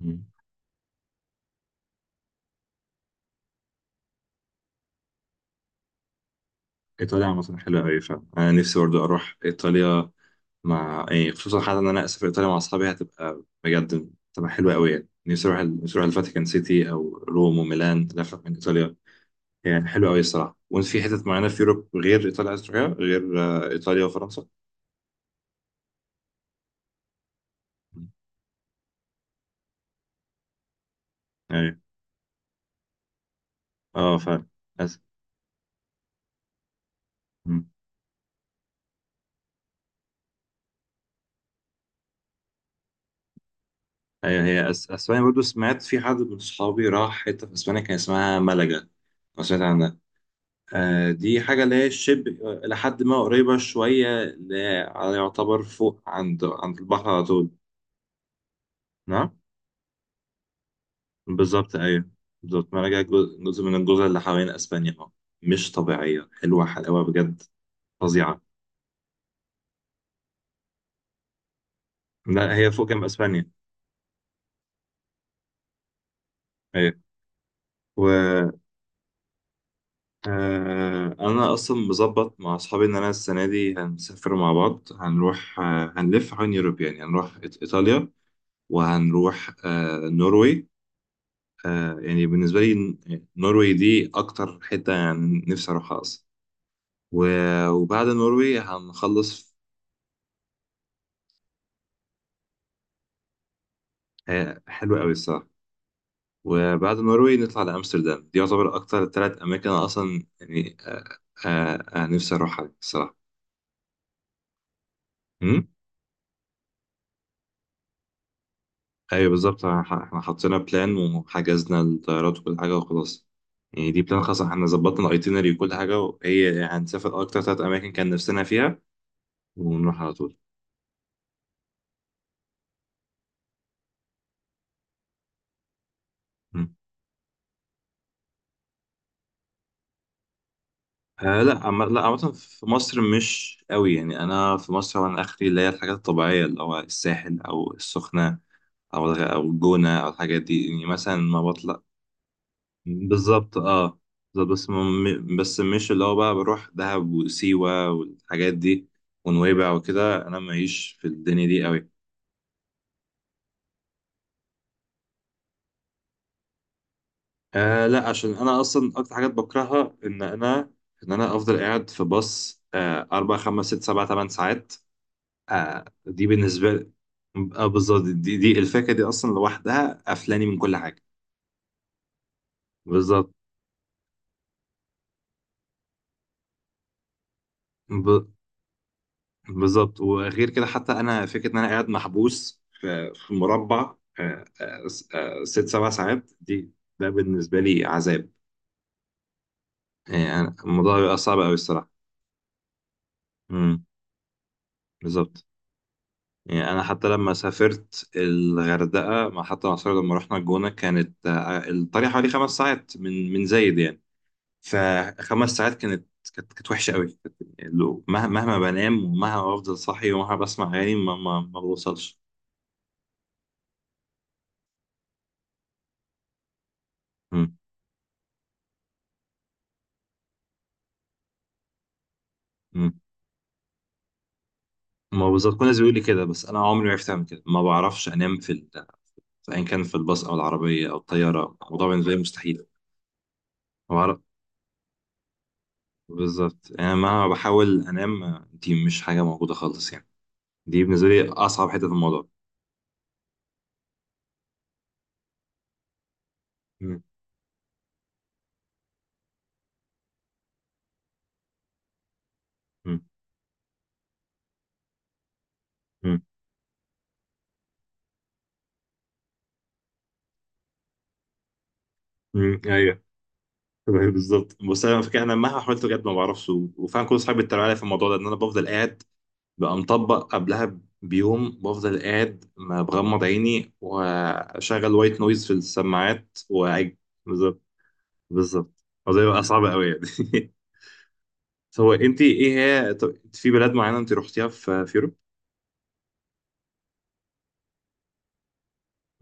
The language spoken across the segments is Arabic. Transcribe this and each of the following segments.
مم. ايطاليا عامة حلوة أوي فعلا، أنا نفسي برضه أروح إيطاليا مع يعني خصوصا، حتى إن أنا أسافر إيطاليا مع أصحابي هتبقى بجد، تبقى حلوة أوي. يعني نفسي أروح نفسي أروح الفاتيكان سيتي أو روم وميلان، لفة من إيطاليا. يعني حلوة أوي الصراحة. وأنت في حتت معينة في أوروب غير إيطاليا عايز تروحيها غير إيطاليا وفرنسا؟ مم. أيوة. أه فعلا. أس... مم. أيوة، هي أسبانيا برضه، سمعت في حد من صحابي راح حتة في أسبانيا كان اسمها ملجا لو سمعت. دي حاجة اللي هي شبه إلى حد ما، قريبة شوية، اللي هي يعتبر فوق عند عند البحر على طول. نعم. بالظبط أيوه. بالظبط، مراجع جزء من الجزر اللي حوالين أسبانيا أه. مش طبيعية، حلوة حلاوة بجد، فظيعة. لا هي فوق جنب أسبانيا. أيوه، و أنا أصلا مظبط مع أصحابي إن أنا السنة دي هنسافر مع بعض، هنروح هنلف حوالين يوروب. يعني هنروح إيطاليا، وهنروح نروي. يعني بالنسبة لي النرويج دي أكتر حتة يعني نفسي أروحها أصلا. وبعد النرويج هنخلص. حلو أوي الصراحة. وبعد النرويج نطلع لأمستردام. دي يعتبر أكتر تلات أماكن أنا أصلا يعني آه نفسي أروحها الصراحة. أمم؟ أيوة بالظبط، إحنا حطينا بلان وحجزنا الطيارات وكل حاجة وخلاص. يعني دي بلان خاصة، إحنا ظبطنا الأيتينري وكل حاجة، وهي يعني هنسافر أكتر تلات أماكن كان نفسنا فيها ونروح على طول. آه لا، لا عامة في مصر مش قوي. يعني أنا في مصر، وأنا آخري اللي هي الحاجات الطبيعية، اللي هو الساحل أو السخنة أو أو الجونة أو الحاجات دي، يعني مثلا ما بطلع. بالظبط أه. بالظبط، بس مش اللي هو بقى بروح دهب وسيوة والحاجات دي ونويبع وكده، أنا ماليش في الدنيا دي قوي. آه لا، عشان أنا أصلا أكتر حاجات بكرهها إن أنا أفضل قاعد في باص 4 5 6 7 8 ساعات. دي بالنسبة لي. آه بالظبط، دي الفاكهة دي أصلا لوحدها قفلاني من كل حاجة. بالظبط. ب... بالظبط، وغير كده حتى أنا فكرة إن أنا قاعد محبوس في مربع. آه آه. 6 7 ساعات دي، ده بالنسبة لي عذاب. يعني الموضوع بيبقى صعب أوي الصراحة. امم، بالظبط. يعني أنا حتى لما سافرت الغردقة حتى مع صحابي لما رحنا الجونة، كانت الطريق حوالي 5 ساعات من زايد يعني. ف5 ساعات كانت، وحشه قوي، مهما بنام، ومهما بفضل صاحي، ومهما بسمع اغاني ما بوصلش. مم. مم. ما بالظبط، كل الناس بيقول لي كده، بس انا عمري ما عرفت اعمل كده، ما بعرفش انام في ايا كان، في الباص او العربيه او الطياره الموضوع بالنسبه لي مستحيل. ما بعرف. بالظبط، انا مهما بحاول انام دي مش حاجه موجوده خالص يعني. دي بالنسبه لي اصعب حته في الموضوع. مم. مم. مم. مم. ايوه. أيوة. بالظبط، بس انا فاكر انا مهما حاولت بجد ما بعرفش، وفعلا كل اصحابي بيتريقوا عليا في الموضوع ده، ان انا بفضل قاعد بقى مطبق قبلها بيوم، بفضل قاعد ما بغمض عيني واشغل وايت نويز في السماعات واعج. بالظبط. بالظبط. الموضوع بيبقى صعب قوي يعني. هو انت ايه؟ هي طب انت في بلاد معينه انت رحتيها في اوروبا؟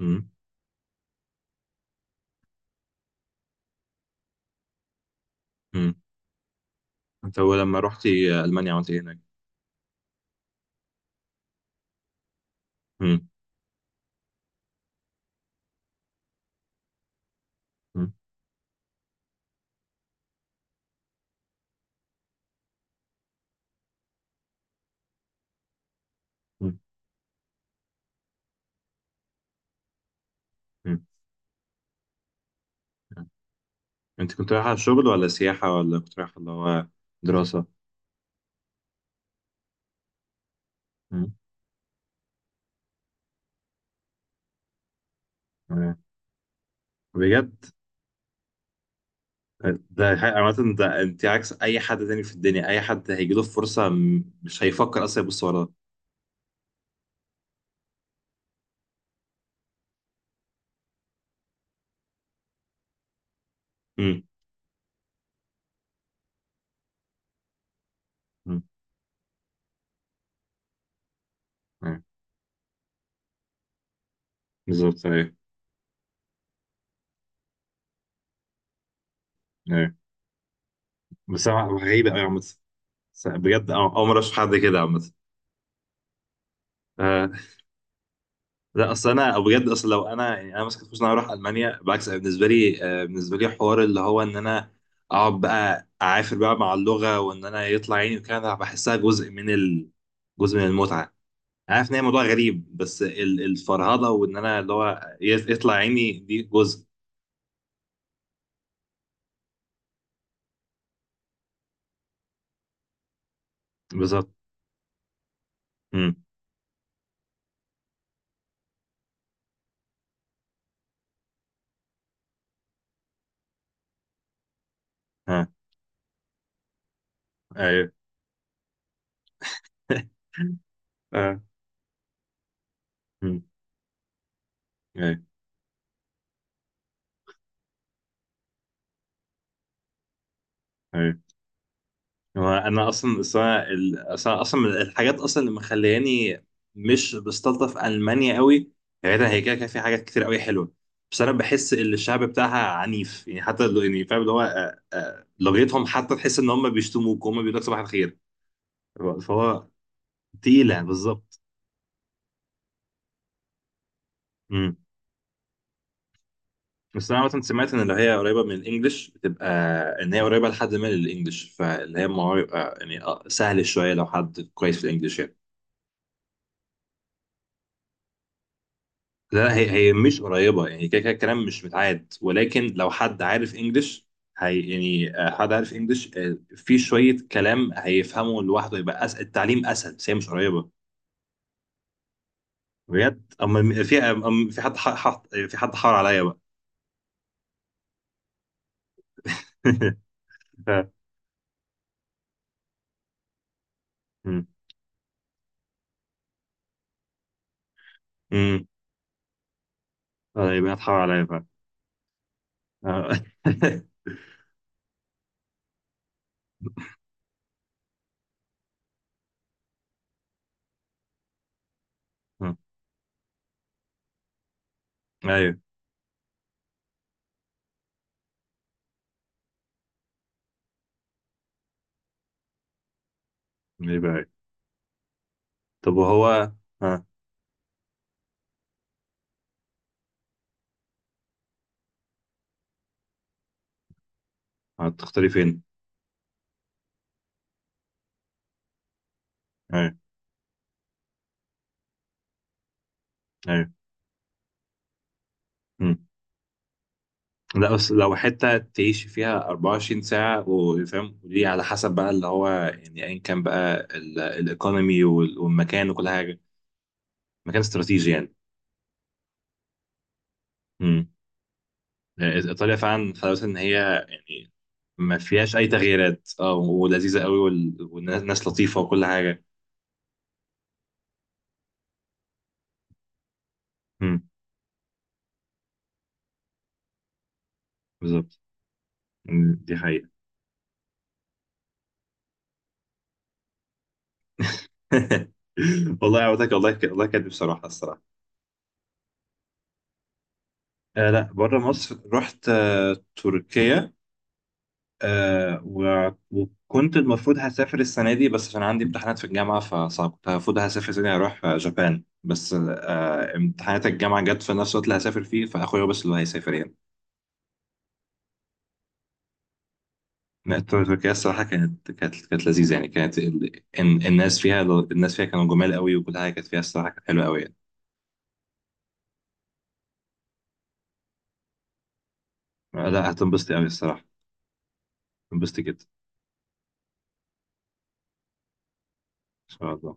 امم. امم. انت هو لما رحتي المانيا عملت ايه هناك؟ امم. امم. امم. امم. انت كنت رايحه على الشغل ولا سياحه، ولا كنت رايحه اللي هو دراسه؟ امم. بجد؟ ده حقيقة عامة، ده انت عكس اي حد تاني في الدنيا، اي حد هيجيله فرصة مش هيفكر اصلا يبص وراه. امم. امم. أيوة. بالظبط. ايوه ايوه. بس أنا غريبة قوي عامة. بس بجد اول مرة اشوف حد كده عامة. آه لا، اصل انا بجد، اصل لو انا يعني انا ماسك فلوس إن انا اروح المانيا بالعكس، أنا بالنسبه لي حوار اللي هو ان انا اقعد بقى اعافر بقى مع اللغه، وان انا يطلع عيني وكده، أنا بحسها جزء من جزء من المتعه. عارف ان هي موضوع غريب، بس الفرهضه، وان انا اللي هو يطلع عيني، دي جزء. بالظبط. امم. ها. ايوه. اه. امم. ايوه ايوه. هو انا اصلا اصلا ال- اصلا أصلاً من الحاجات اصلا اللي مخلياني مش بستلطف المانيا قوي. بعيدا هي كده كده في حاجات كتير قوي حلوه، بس انا بحس ان الشعب بتاعها عنيف. يعني حتى يعني فاهم اللي هو لغتهم حتى، تحس ان هم بيشتموك وهم بيقولوا لك صباح الخير. فهو تقيله بالظبط. بس انا مثلا سمعت ان اللي هي قريبه من الانجليش بتبقى، ان هي قريبه لحد ما للانجليش، فاللي هي الموضوع يبقى يعني سهل شويه لو حد كويس في الانجليش يعني. لا هي مش قريبه، يعني كده كده الكلام مش متعاد، ولكن لو حد عارف انجليش هي يعني حد عارف انجليش في شويه كلام هيفهمه لوحده، يبقى أسهل التعليم، اسهل. بس هي مش قريبه بجد. اما في أما في حد في حد حار عليا بقى. ف- م- م. يبقى حد حار عليا بقى. آه. ايوه. ليه بقى؟ طب وهو ها هتختاري فين؟ ايوه ايوه. مم. لا بس لو حتة تعيشي فيها 24 ساعة وفاهم، ودي على حسب بقى اللي هو يعني، ايا كان بقى الايكونومي والمكان وكل حاجة. مكان استراتيجي يعني. مم. إيه، ايطاليا فعلا حلاوتها ان هي يعني ما فيهاش اي تغييرات ولذيذة قوي، والناس لطيفة وكل حاجة. مم. بالظبط. مم. دي حقيقة. والله عودتك والله والله كانت بصراحة، الصراحة. آه لا، بره مصر رحت تركيا. آه وكنت المفروض هسافر السنة دي بس عشان عندي امتحانات في الجامعة فصعب. كنت المفروض هسافر السنة دي هروح جابان، بس امتحانات الجامعة جت في نفس الوقت اللي هسافر فيه، فأخويا هو بس اللي هيسافر يعني. لا، تركيا الصراحة كانت، لذيذة يعني كانت الناس فيها كانوا جمال قوي، وكل حاجة كانت فيها الصراحة كانت حلوة قوي يعني. آه، لا هتنبسطي قوي الصراحة. هتنبسطي جدا. إن شاء الله.